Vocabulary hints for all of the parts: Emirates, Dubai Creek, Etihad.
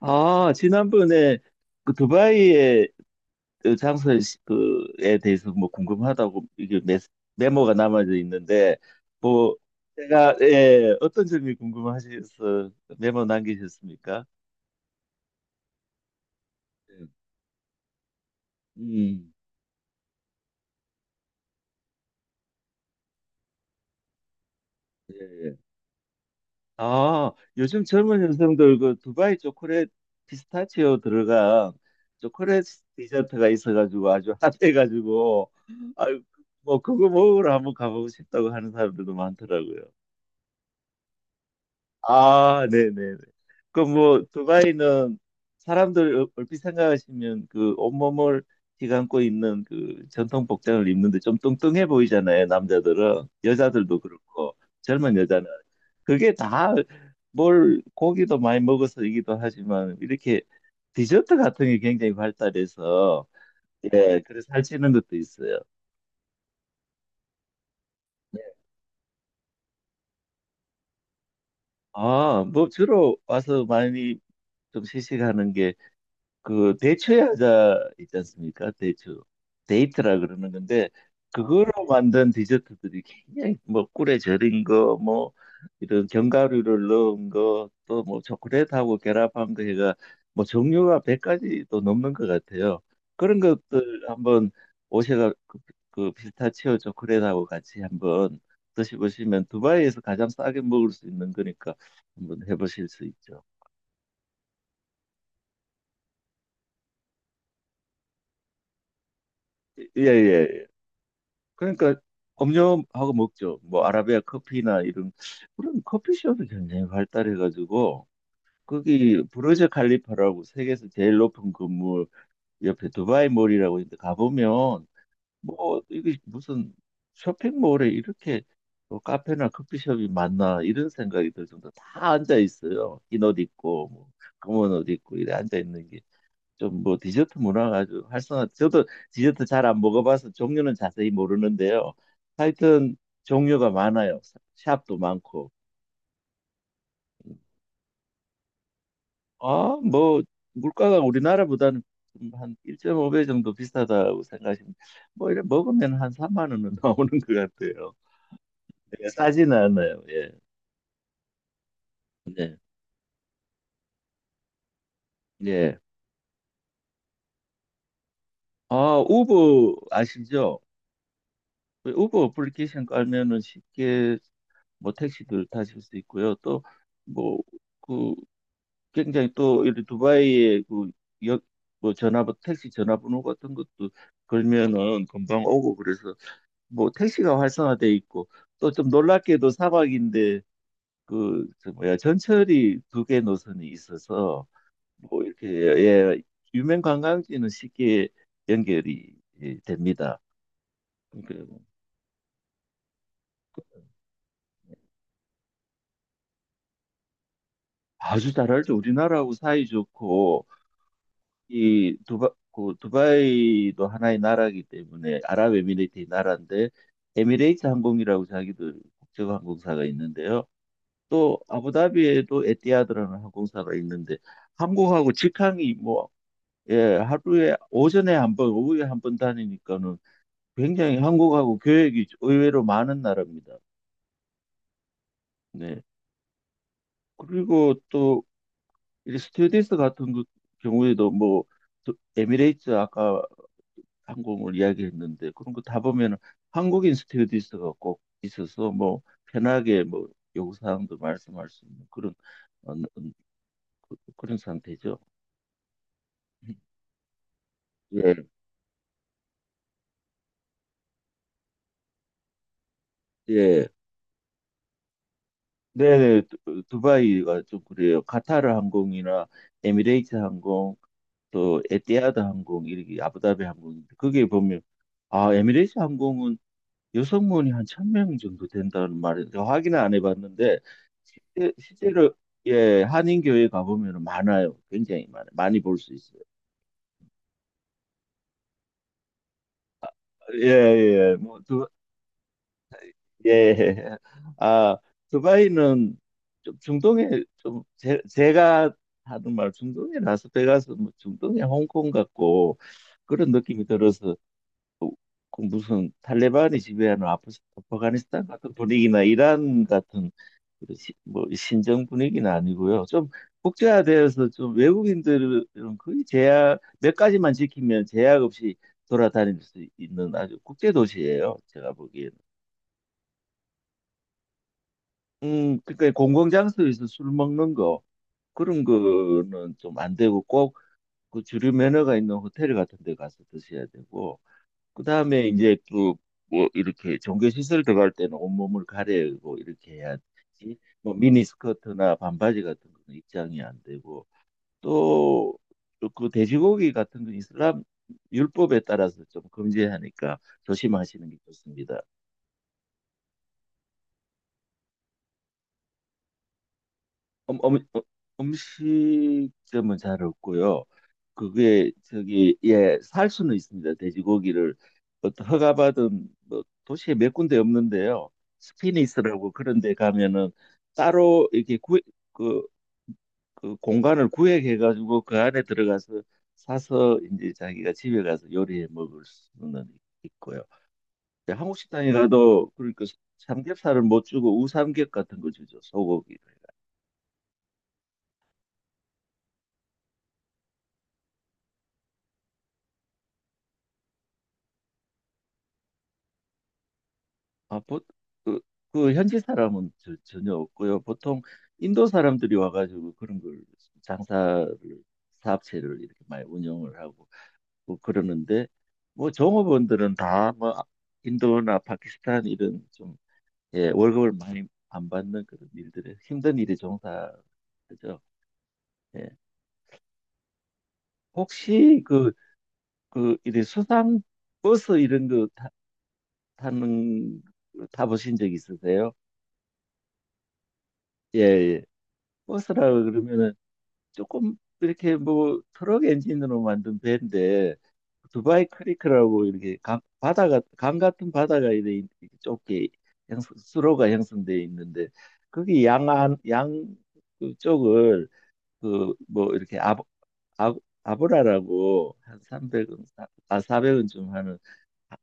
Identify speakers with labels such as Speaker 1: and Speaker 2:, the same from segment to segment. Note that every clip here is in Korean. Speaker 1: 아, 지난번에 그 두바이의 그 장소 그에 대해서 뭐 궁금하다고 이게 메모가 남아져 있는데 뭐 제가 예, 어떤 점이 궁금하셔서 메모 남기셨습니까? 예. 음. 예. 예. 아, 요즘 젊은 여성들 그 두바이 초콜릿 피스타치오 들어간 초콜릿 디저트가 있어가지고 아주 핫해가지고 아유 뭐 그거 먹으러 한번 가보고 싶다고 하는 사람들도 많더라고요. 아, 네네네. 그럼 뭐, 두바이는 사람들 얼핏 생각하시면 그 온몸을 휘감고 있는 그 전통 복장을 입는데 좀 뚱뚱해 보이잖아요, 남자들은. 여자들도 그렇고, 젊은 여자는. 그게 다 뭘 고기도 많이 먹어서이기도 하지만 이렇게 디저트 같은 게 굉장히 발달해서 예, 그래서 살찌는 것도 있어요. 네. 아, 뭐 주로 와서 많이 좀 시식하는 그 대추야자 있지 않습니까? 대추 데이트라 그러는 건데 그걸로 만든 디저트들이 굉장히 뭐 꿀에 절인 거 뭐 이런 견과류를 넣은 거 또 뭐 초콜릿하고 결합한 거 해가 뭐 종류가 100가지도 넘는 것 같아요. 그런 것들 한번 오셔가 그 피스타치오 초콜릿하고 같이 한번 드셔보시면 두바이에서 가장 싸게 먹을 수 있는 거니까 한번 해보실 수 있죠. 예예 그러니까 료하고 먹죠. 뭐 아라비아 커피나 이런 그런 커피숍이 굉장히 발달해가지고 거기 부르즈 칼리파라고 세계에서 제일 높은 건물 옆에 두바이 몰이라고 있는데 가보면 뭐 이게 무슨 쇼핑몰에 이렇게 뭐 카페나 커피숍이 많나 이런 생각이 들 정도 다 앉아 있어요. 흰옷 입고 뭐 검은 옷 입고 이래 앉아 있는 좀 뭐 디저트 문화가 아주 활성화. 저도 디저트 잘 안 먹어봐서 종류는 자세히 모르는데요. 하여튼 종류가 많아요. 샵도 많고. 아, 뭐 물가가 우리나라보다는 좀한 1.5배 정도 비싸다고 생각하시면 뭐 이래 먹으면 한3만 원은 나오는 것 같아요. 네, 싸지는 않아요. 예. 네. 예. 아, 우버 아시죠? 그 우버 어플리케이션 깔면은 쉽게 뭐 택시들 타실 수 있고요. 또뭐그 굉장히 또 이런 두바이의 그 역, 뭐 전화번 택시 전화번호 같은 것도 걸면은 금방 오고 그래서 뭐 택시가 활성화돼 있고 또 좀 놀랍게도 사막인데 그 저 뭐야 전철이 두 개 노선이 있어서 뭐 이렇게 예 유명 관광지는 쉽게 연결이 예, 됩니다. 그러니까 아주 잘알죠. 우리나라하고 사이 좋고 이 두바 그 두바이도 하나의 나라이기 때문에 아랍에미레이트의 나라인데 에미레이트 항공이라고 자기들 국적 항공사가 있는데요. 또 아부다비에도 에티하드라는 항공사가 있는데 한국하고 직항이 뭐 예, 하루에 오전에 한 번, 오후에 한 번 다니니까는 굉장히 한국하고 교역이 의외로 많은 나라입니다. 네. 그리고 또 이 스튜어디스 같은 그 경우에도 뭐 에미레이트 아까 항공을 이야기했는데 그런 거 다 보면은 한국인 스튜어디스가 꼭 있어서 뭐 편하게 뭐 요구사항도 말씀할 수 있는 그런 어, 어, 그런 상태죠. 예, 예. 네네, 두바이가 좀 그래요. 카타르 항공이나 에미레이트 항공, 또 에티하드 항공, 이렇게 아부다비 항공인데, 그게 보면, 아, 에미레이트 항공은 여성원이 한 1,000명 정도 된다는 말인데 확인은 안 해봤는데 실제로 예 한인교회 가보면 많아요. 굉장히 많아요. 많이 볼 수 있어요. 예예 뭐두예아 두바이는 좀 중동에 좀 제가 하는 말 중동에 라스베가스 뭐 중동에 홍콩 같고 그런 느낌이 들어서 그 무슨 탈레반이 지배하는 아프가니스탄 같은 분위기나 이란 같은 그리고 뭐 신정 분위기는 아니고요. 좀 국제화되어서 좀 외국인들은 거의 제약 몇 가지만 지키면 제약 없이 돌아다닐 수 있는 아주 국제 도시예요. 제가 보기에는. 그러니까 공공장소에서 술 먹는 거 그런 거는 좀 안 되고 꼭 그 주류 매너가 있는 호텔 같은 데 가서 드셔야 되고 그다음에 이제 또 뭐 이렇게 종교 시설 들어갈 때는 온몸을 가리고 이렇게 해야지 뭐 미니스커트나 반바지 같은 거는 입장이 안 되고 또 그 돼지고기 같은 건 이슬람 율법에 따라서 좀 금지하니까 조심하시는 게 좋습니다. 음, 음, 음, 음식점은 잘 없고요. 그게 저기 예, 살 수는 있습니다. 돼지고기를 어떤 허가받은 뭐 도시에 몇 군데 없는데요. 스피니스라고 그런 데 가면은 따로 이렇게 그, 그 공간을 구획해 가지고 그 안에 들어가서 사서 이제 자기가 집에 가서 요리해 먹을 수는 있고요. 근데 한국 식당에 가도 그러니까 삼겹살을 못 주고 우삼겹 같은 거 주죠. 소고기를. 아, 그, 그 현지 사람은 전혀 없고요. 보통 인도 사람들이 와가지고 그런 걸 장사를 사업체를 이렇게 많이 운영을 하고 뭐 그러는데 뭐 종업원들은 다 뭐 인도나 파키스탄 이런 좀 예, 월급을 많이 안 받는 그런 일들에 힘든 일에 종사하죠. 예. 혹시 그 이제 수상 버스 이런 거 타는 거 타보신 적 있으세요? 예, 예. 버스라 그러면은 조금 이렇게 뭐 트럭 엔진으로 만든 배인데 두바이 크리크라고 이렇게 강, 바다가 강 같은 바다가 이렇게 좁게 수로가 형성되어 있는데 거기 양안 양 쪽을 그 뭐 이렇게 아, 아브라라고 한 300원 아 400원쯤 하는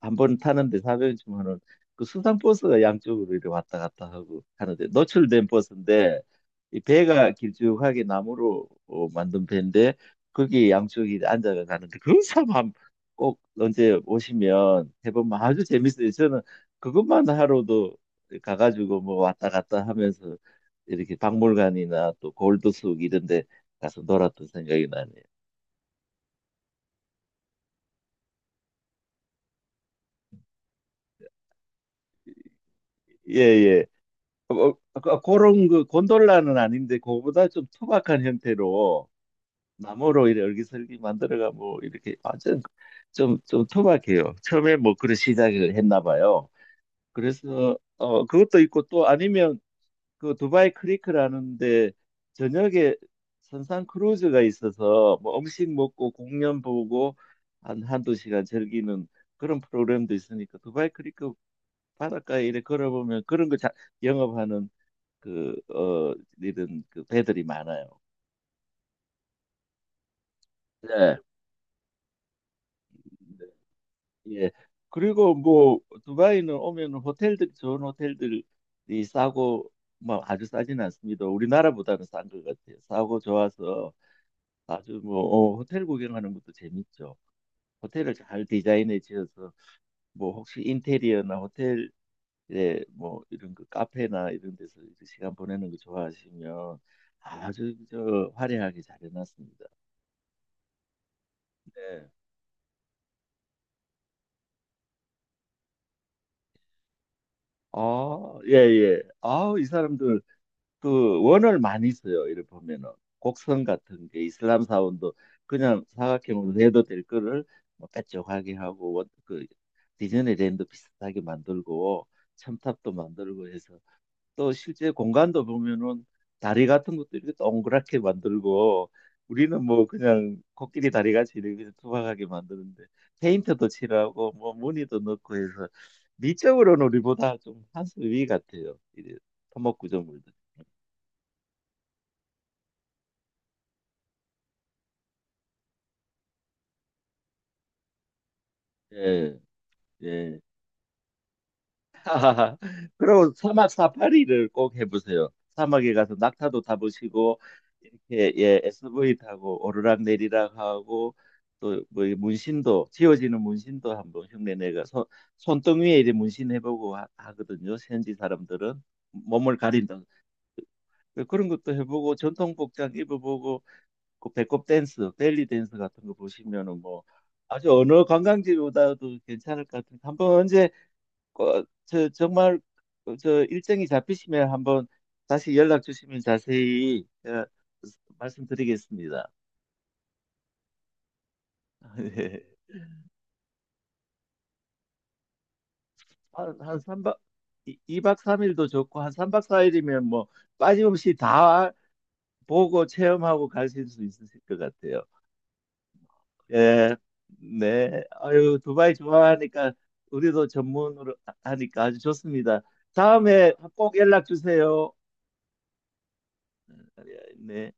Speaker 1: 한 번 타는데 4 0 0주하 은그 수상버스가 양쪽으로 이렇게 왔다 갔다 하고 하는데 노출된 버스인데 이 배가 길쭉하게 나무로 만든 배인데 거기 양쪽이 앉아가 가는데 그런 사람 꼭 언제 오시면 해보면 아주 재밌어요. 저는 그것만 하러도 가가지고 뭐 왔다 갔다 하면서 이렇게 박물관이나 또 골드숙 이런 데 가서 놀았던 생각이 나네요. 예예. 그런 그 곤돌라는 아닌데 그거보다 좀 투박한 형태로 나무로 이렇게 얼기설기 만들어가 뭐 이렇게 완전 좀좀 투박해요. 처음에 뭐 그런 시작을 했나 봐요. 그래서 그것도 있고 또 아니면 그 두바이 크리크라는데 저녁에 선상 크루즈가 있어서 뭐 음식 먹고 공연 보고 한 한두 시간 즐기는 그런 프로그램도 있으니까 두바이 크리크 바닷가에 이렇게 걸어보면 그런 거 영업하는 그, 어, 이런 그 배들이 많아요. 네. 예. 그리고 뭐 두바이는 오면 호텔들이 좋은 호텔들이 싸고 뭐 아주 싸진 않습니다. 우리나라보다는 싼 것 같아요. 싸고 좋아서 아주 뭐 호텔 구경하는 것도 재밌죠. 호텔을 잘 디자인해 지어서 뭐 혹시 인테리어나 호텔에 뭐 이런 그 카페나 이런 데서 이제 시간 보내는 거 좋아하시면 아주 저 화려하게 잘 해놨습니다. 네. 아, 예, 예. 아우, 이 사람들 그 원을 많이 써요. 이를 보면은 곡선 같은 게 이슬람 사원도 그냥 사각형으로 내도 될 거를 뭐 빼쪽하게 하고 그 디즈니랜드 비슷하게 만들고 첨탑도 만들고 해서 또 실제 공간도 보면은 다리 같은 것도 이렇게 동그랗게 만들고 우리는 뭐 그냥 코끼리 다리 같이 이렇게 투박하게 만드는데 페인트도 칠하고 뭐 무늬도 넣고 해서 미적으로는 우리보다 좀 한 수 위 같아요. 이 토목 구조물들. 예, 예. 하하하. 그리고 사막 사파리를 꼭 해보세요. 사막에 가서 낙타도 타보시고 이렇게 예 SUV 타고 오르락 내리락 하고 또 뭐 문신도 지워지는 문신도 한번 흉내 내가 손 손등 위에 이렇게 문신 해보고 하거든요. 현지 사람들은 몸을 가린다. 그런 것도 해보고 전통 복장 입어보고 그 배꼽 댄스, 벨리 댄스 같은 거 보시면은 뭐 아주 어느 관광지보다도 괜찮을 것 같은데 한번 언제 저 정말 저 일정이 잡히시면 한번 다시 연락 주시면 자세히 말씀드리겠습니다. 예. 한삼박이박삼일도 좋고 한삼박사일이면뭐 빠짐없이 다 보고 체험하고 가실 수 있으실 것 같아요. 예. 네. 아유, 두바이 좋아하니까 우리도 전문으로 하니까 아주 좋습니다. 다음에 꼭 연락 주세요. 예, 네.